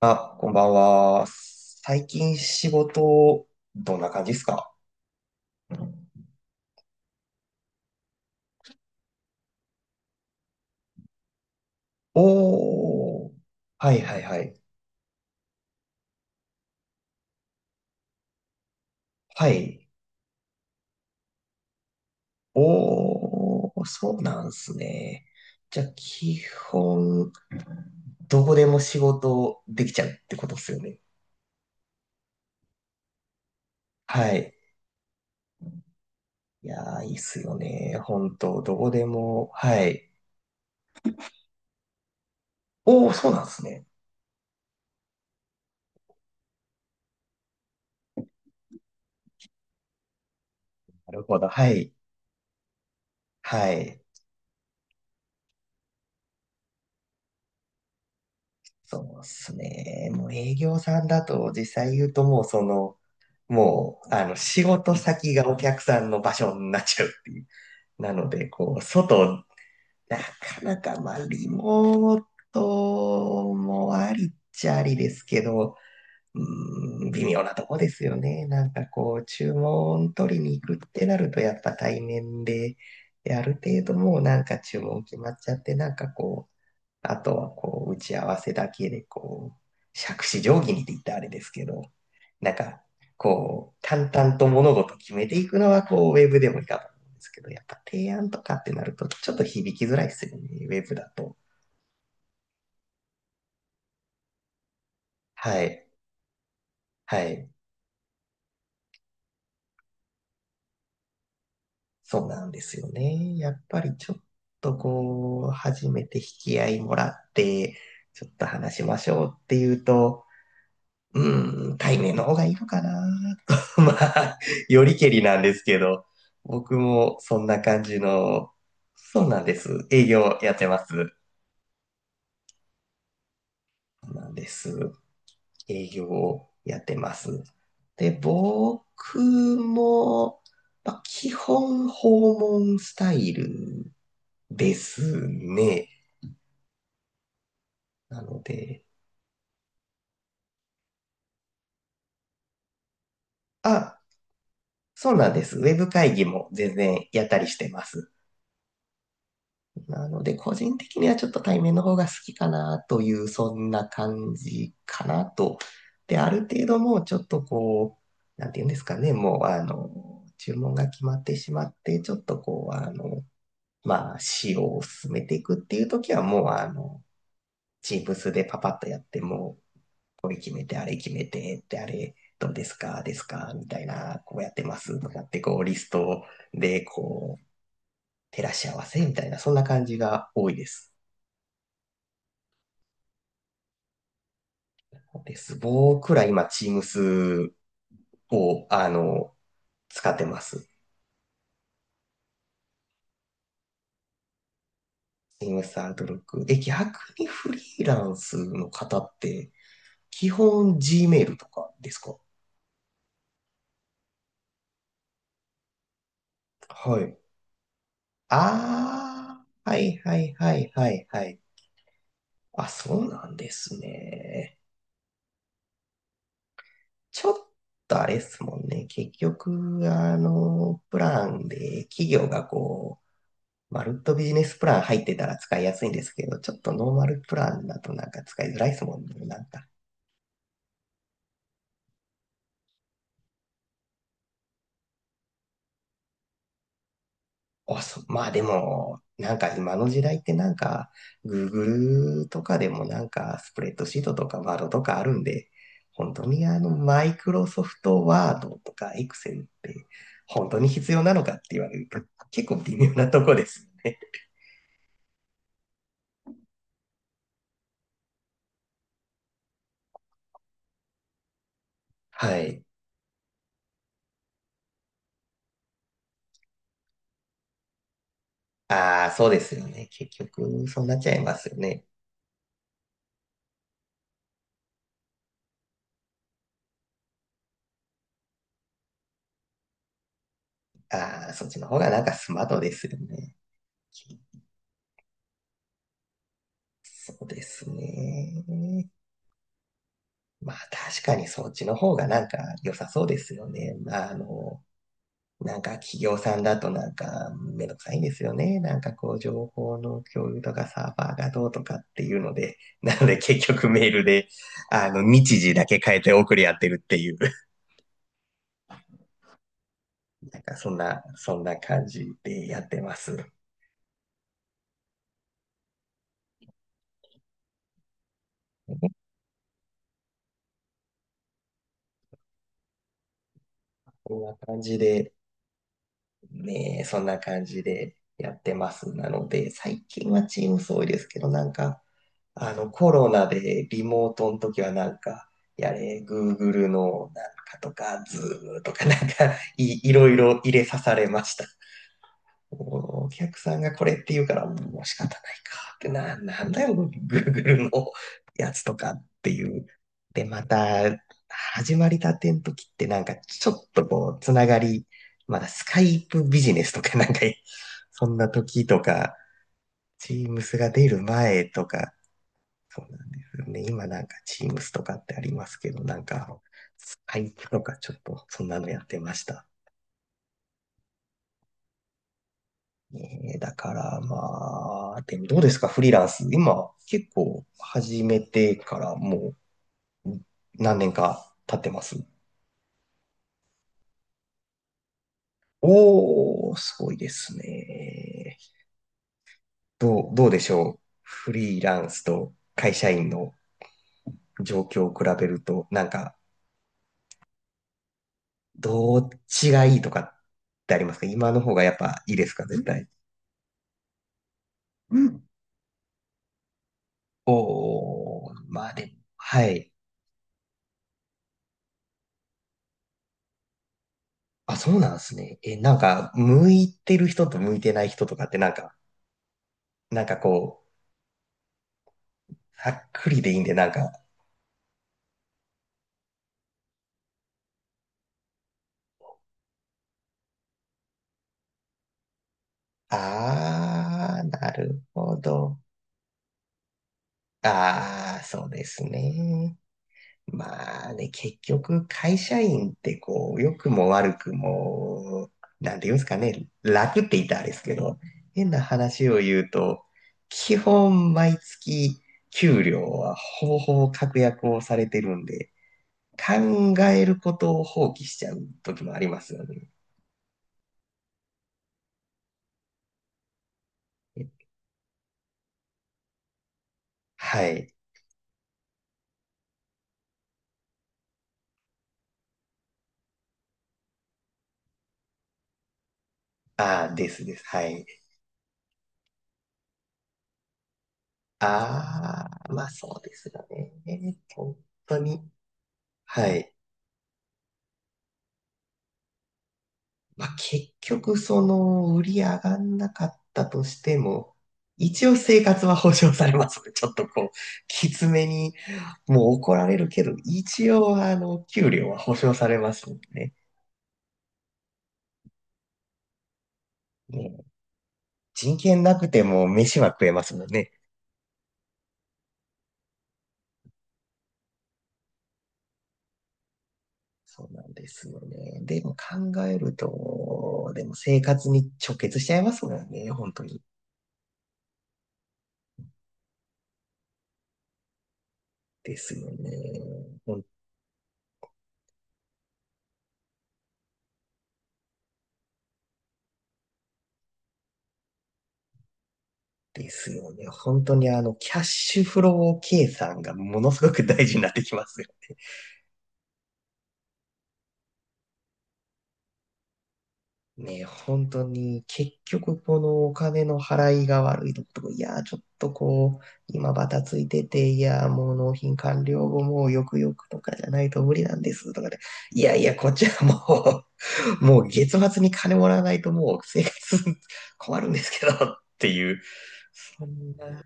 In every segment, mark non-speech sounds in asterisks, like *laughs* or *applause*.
あ、こんばんは。最近仕事、どんな感じですか？おー。はいはいはい。はい。おー、そうなんすね。じゃあ、基本、どこでも仕事できちゃうってことっすよね。はい。いやー、いいっすよね。本当どこでも。はい。おー、そうなんすね。なるほど。はい。はい。そうっすね。もう営業さんだと、実際言うともうもう、仕事先がお客さんの場所になっちゃうっていう。なので、なかなか、まあ、リモートもありっちゃありですけど、うーん、微妙なとこですよね。なんか注文取りに行くってなると、やっぱ対面で、である程度もうなんか注文決まっちゃって、なんかこあとは打ち合わせだけで杓子定規にって言ったらあれですけど、なんか、淡々と物事を決めていくのは、ウェブでもいいかと思うんですけど、やっぱ提案とかってなると、ちょっと響きづらいですよね、ウェブだと。はい。はい。そうなんですよね。やっぱりちょっと初めて引き合いもらって、ちょっと話しましょうっていうと、うーん、対面の方がいいのかな。*laughs* まあ、よりけりなんですけど、僕もそんな感じの、そうなんです。営業やってます。そうなんです。営業をやってます。で、僕も、まあ、基本訪問スタイルですね。なので、あ、そうなんです。ウェブ会議も全然やったりしてます。なので、個人的にはちょっと対面の方が好きかなという、そんな感じかなと。で、ある程度もうちょっとなんていうんですかね、もう、注文が決まってしまって、ちょっとまあ、仕様を進めていくっていう時は、もう、チームスでパパッとやって、もう、決めて、あれ決めて、ってあれ、どうですか、みたいな、こうやってますとかって、リストで、照らし合わせみたいな、そんな感じが多いです。です。僕ら今、Teams を、使ってます。Teams Outlook。え、逆にフリーランスの方って、基本 Gmail とかですか？はい。ああ、はいはいはいはいはい。あ、そうなんですね。ちょっとあれですもんね。結局、プランで企業がマルットビジネスプラン入ってたら使いやすいんですけど、ちょっとノーマルプランだとなんか使いづらいですもんね、なんか。あ、そう、まあでも、なんか今の時代ってなんか、Google とかでもなんか、スプレッドシートとかワードとかあるんで、本当にマイクロソフトワードとか Excel って本当に必要なのかって言われると、結構微妙なとこですよね。はい。ああ、そうですよね。結局、そうなっちゃいますよね。ああ、そっちの方がなんかスマートですよね。そうですね。まあ確かにそっちの方がなんか良さそうですよね。まあなんか企業さんだとなんかめんどくさいんですよね。なんか情報の共有とかサーバーがどうとかっていうので、なので結局メールで、日時だけ変えて送り合ってるっていう、なんかそんな感じでやってます。こんな感じで、ね、そんな感じでやってます。なので、最近はTeams 多いですけど、なんか、コロナでリモートの時はなんか、やれ、Google のなんかとか、Zoom とかいろいろ入れさされました。お客さんがこれって言うから、もう仕方ないかってな、なんだよ、Google のやつとかっていう。で、また、始まりたての時ってなんか、ちょっとつながり、まだスカイプビジネスとかなんか、そんな時とか、Teams が出る前とか、そうなんですよね。今なんか Teams とかってありますけど、なんか、スカイプとかちょっとそんなのやってました。ねえだからまあ、でもどうですか、フリーランス？今結構始めてからもう何年か経ってます？おー、すごいですね。どうでしょう。フリーランスと会社員の状況を比べると、なんか、どっちがいいとかってありますか？今の方がやっぱいいですか、絶対？おー、まあでも、はい。あ、そうなんですね。え、なんか、向いてる人と向いてない人とかってなんか、なんかざっくりでいいんで、なんか、あー、なるほど。あー、そうですね。まあね、結局、会社員って良くも悪くも、なんて言うんですかね、楽って言ったらあれですけど、変な話を言うと、基本毎月給料はほぼほぼ確約をされてるんで、考えることを放棄しちゃう時もありますよね。はい。ああ、ですです。はい。ああ、まあそうですよね。本当に。はい。まあ、結局、売り上がんなかったとしても、一応生活は保障されますね。*laughs* ちょっときつめに、もう怒られるけど、一応、給料は保障されますもんね。ね、人権なくても飯は食えますもんね。そうなんですよね。でも考えると、でも生活に直結しちゃいますもんね。本当に。ですよね。ですよね。本当にキャッシュフロー計算がものすごく大事になってきますよ。ね、本当に結局このお金の払いが悪いとことか、いやー、ちょっと今バタついてて、いやー、もう納品完了後もうよくよくとかじゃないと無理なんですとかで、いやいや、こっちはもう、*laughs* もう月末に金もらわないともう生活困るんですけどっていう、そんな、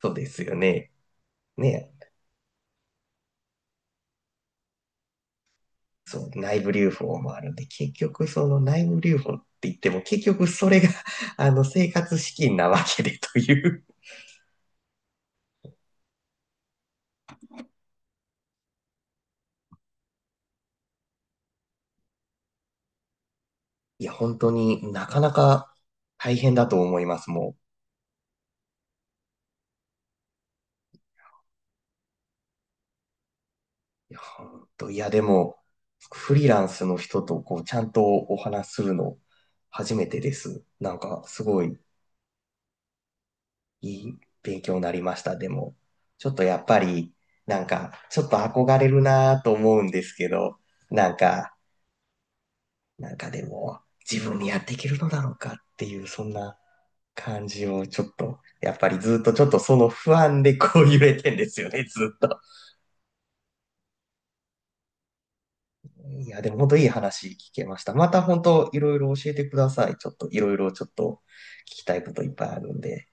そうですよね。ね、そう、内部留保もあるんで、結局その内部留保って言っても、結局それが *laughs* 生活資金なわけでという。*laughs* いや、本当になかなか大変だと思います、もう。いや、本当、いや、でも、フリーランスの人とちゃんとお話しするの初めてです。なんか、すごいいい勉強になりました、でも。ちょっとやっぱり、なんか、ちょっと憧れるなと思うんですけど、なんか、でも、自分にやっていけるのだろうかっていう、そんな感じをちょっと、やっぱりずっとちょっとその不安で揺れてんですよね、*laughs* ずっと。いや、でも本当いい話聞けました。また本当いろいろ教えてください。ちょっといろいろちょっと聞きたいこといっぱいあるんで。